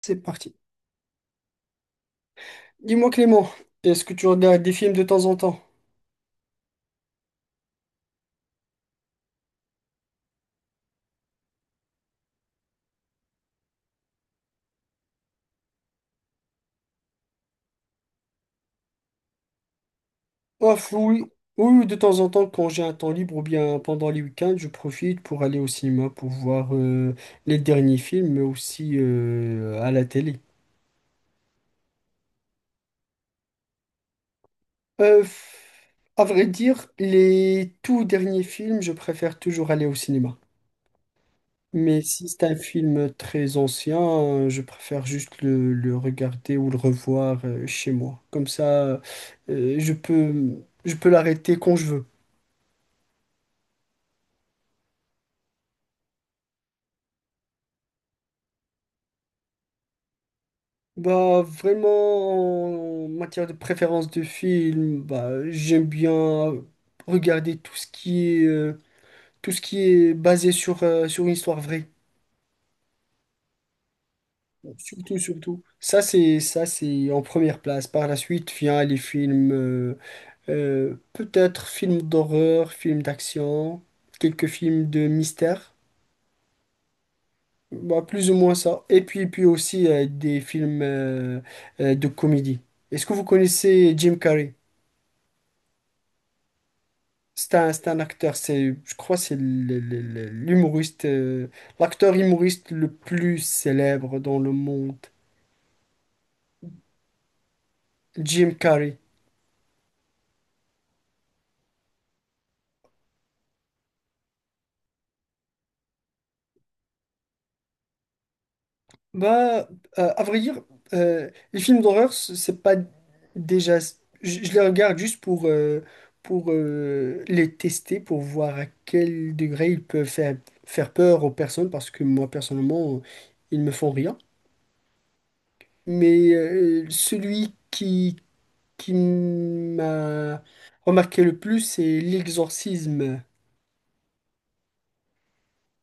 C'est parti. Dis-moi Clément, est-ce que tu regardes des films de temps en temps? Ouf, oui, oui, de temps en temps, quand j'ai un temps libre ou bien pendant les week-ends, je profite pour aller au cinéma pour voir les derniers films, mais aussi à la télé. Euh, à vrai dire, les tout derniers films, je préfère toujours aller au cinéma. Mais si c'est un film très ancien, je préfère juste le regarder ou le revoir chez moi. Comme ça, euh, je peux, je peux l'arrêter quand je veux. Bah, vraiment, en matière de préférence de film, bah, j'aime bien regarder tout ce qui est, tout ce qui est basé sur, sur une histoire vraie. Surtout, surtout. Ça, c'est en première place. Par la suite, vient les films, peut-être films d'horreur, films d'action, quelques films de mystère. Bah, plus ou moins ça. Et puis, puis aussi, des films, de comédie. Est-ce que vous connaissez Jim Carrey? C'est un acteur, c'est, je crois, c'est l'humoriste, l'acteur humoriste le plus célèbre dans le monde, Jim Carrey. Bah, à vrai dire, les films d'horreur, c'est pas déjà, je les regarde juste pour les tester, pour voir à quel degré ils peuvent faire, faire peur aux personnes, parce que moi, personnellement, ils me font rien. Mais celui qui m'a remarqué le plus, c'est L'Exorcisme.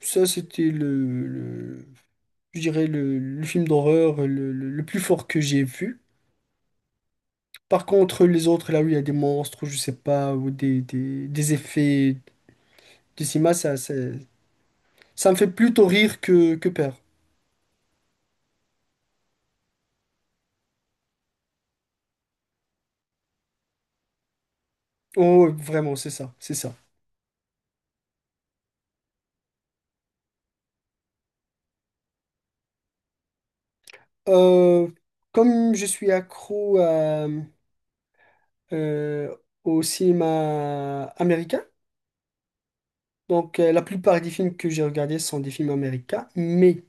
Ça, c'était je dirais le film d'horreur le plus fort que j'ai vu. Par contre, les autres, là où il y a des monstres, je sais pas, ou des effets de cinéma, ça me fait plutôt rire que peur. Oh, ouais, vraiment, c'est ça, c'est ça. Euh, Comme je suis accro à, euh, au cinéma américain, donc, la plupart des films que j'ai regardés sont des films américains, mais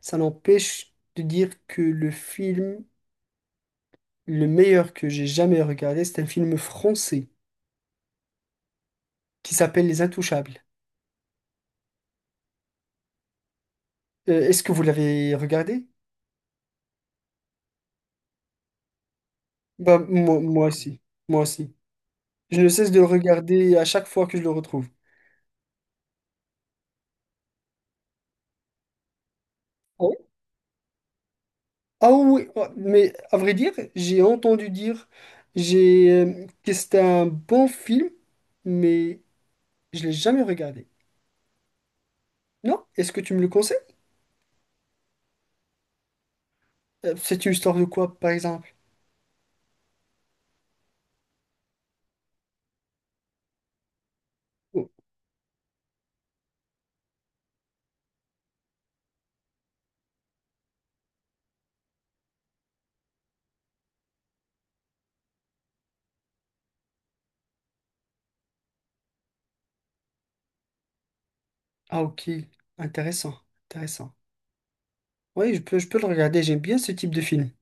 ça n'empêche de dire que le film le meilleur que j'ai jamais regardé, c'est un film français qui s'appelle Les Intouchables. Est-ce que vous l'avez regardé? Bah, moi, moi aussi. Moi aussi. Je ne cesse de le regarder à chaque fois que je le retrouve. Ah oui, ah oui, ah, mais à vrai dire, j'ai entendu dire que c'était un bon film, mais je l'ai jamais regardé. Non? Est-ce que tu me le conseilles? C'est une histoire de quoi, par exemple? Oh, ah, ok. Intéressant. Intéressant. Oui, je peux le regarder. J'aime bien ce type de film.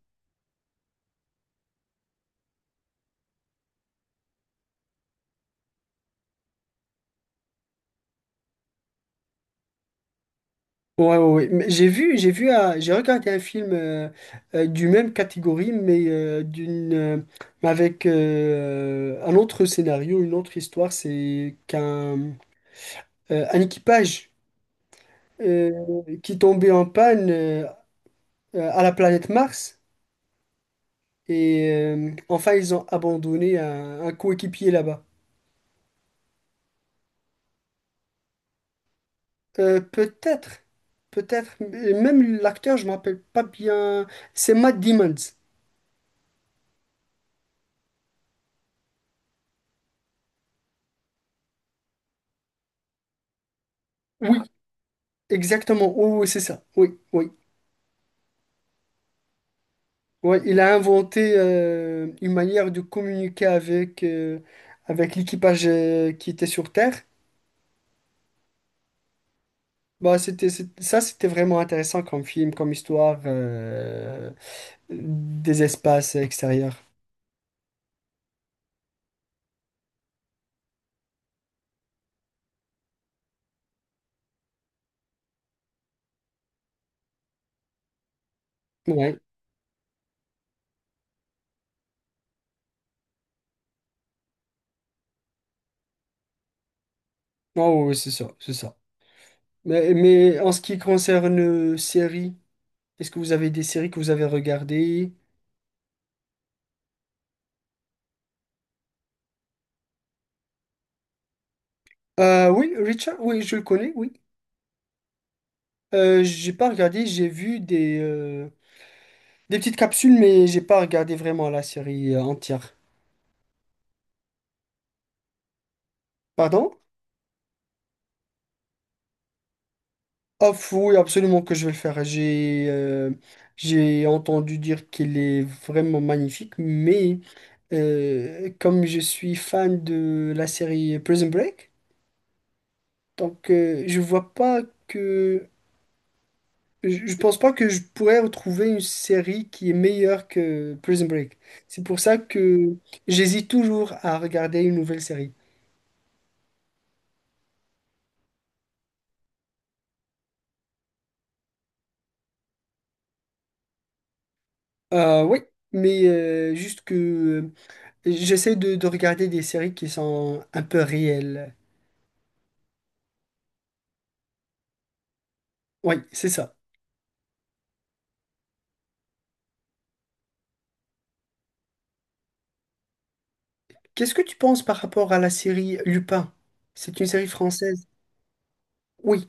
Ouais, ouais, ouais. Mais j'ai regardé un film du même catégorie, mais mais avec un autre scénario, une autre histoire. C'est qu'un un équipage euh, qui tombait en panne à la planète Mars. Et enfin, ils ont abandonné un coéquipier là-bas. Peut-être, peut-être, mais même l'acteur, je ne me rappelle pas bien. C'est Matt Damon. Oui, exactement. Oui, oui, c'est ça. Oui, oui. Ouais, il a inventé une manière de communiquer avec, avec l'équipage qui était sur Terre. Bah, c'était vraiment intéressant comme film, comme histoire des espaces extérieurs. Ouais. Oh, oui, c'est ça, c'est ça. Mais en ce qui concerne séries, est-ce que vous avez des séries que vous avez regardées? Oui, Richard, oui, je le connais, oui. J'ai pas regardé, j'ai vu des petites capsules, mais j'ai pas regardé vraiment la série entière. Pardon? Ah, fou, oui, absolument que je vais le faire. J'ai entendu dire qu'il est vraiment magnifique, mais comme je suis fan de la série Prison Break, donc je vois pas que je pense pas que je pourrais retrouver une série qui est meilleure que Prison Break. C'est pour ça que j'hésite toujours à regarder une nouvelle série. Oui, mais juste que j'essaie de regarder des séries qui sont un peu réelles. Oui, c'est ça. Qu'est-ce que tu penses par rapport à la série Lupin? C'est une série française. Oui,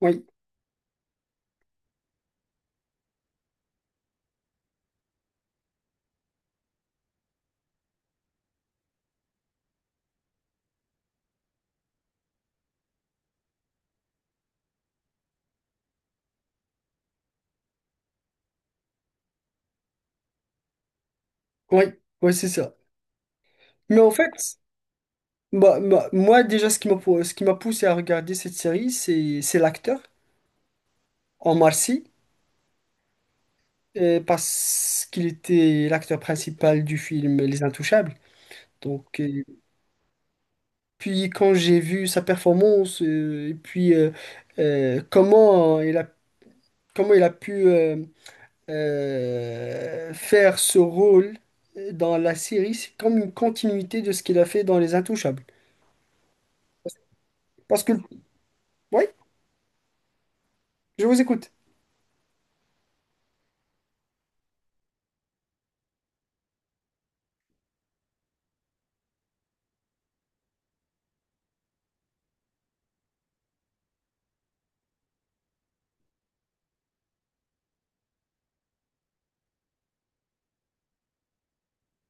oui, oui, oui, c'est ça. Mais en fait, bah, bah, moi déjà, ce qui m'a, ce qui m'a poussé à regarder cette série, c'est l'acteur, Omar Sy. Parce qu'il était l'acteur principal du film Les Intouchables. Donc, puis quand j'ai vu sa performance, et puis euh, comment il a, comment il a pu faire ce rôle dans la série, c'est comme une continuité de ce qu'il a fait dans Les Intouchables. Parce que, oui, je vous écoute.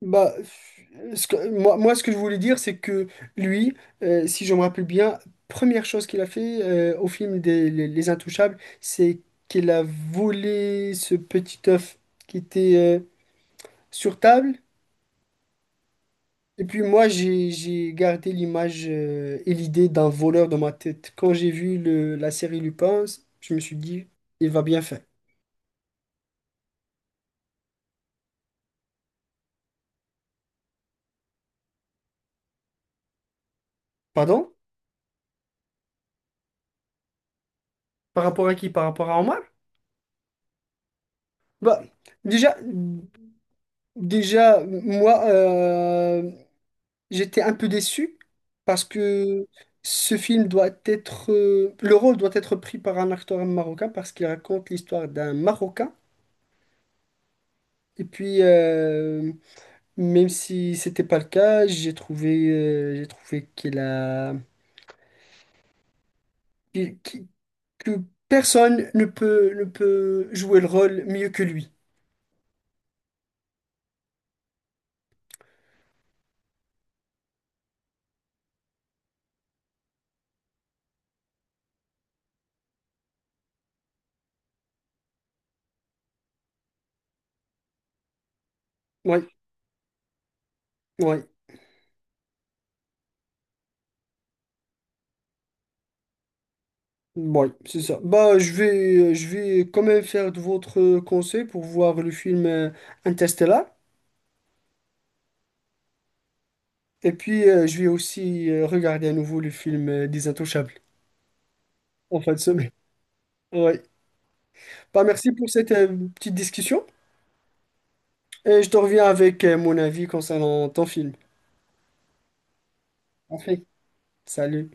Bah, moi, ce que je voulais dire, c'est que lui, si je me rappelle bien, première chose qu'il a fait au film Les Intouchables, c'est qu'il a volé ce petit œuf qui était sur table. Et puis moi, j'ai gardé l'image et l'idée d'un voleur dans ma tête. Quand j'ai vu la série Lupin, je me suis dit, il va bien faire. Pardon? Par rapport à qui? Par rapport à Omar? Bah, déjà, déjà, moi... j'étais un peu déçu parce que ce film doit être... le rôle doit être pris par un acteur marocain parce qu'il raconte l'histoire d'un Marocain. Et puis, même si c'était pas le cas, j'ai trouvé qu'il a... qu'il- qu'il- que personne ne peut, ne peut jouer le rôle mieux que lui. Oui, oui, oui, c'est ça. Bah, je vais quand même faire de votre conseil pour voir le film Interstellar. Et puis, je vais aussi regarder à nouveau le film Des Intouchables en fin de semaine. Ouais. Bah, merci pour cette petite discussion. Et je te reviens avec mon avis concernant ton film. Parfait. Salut.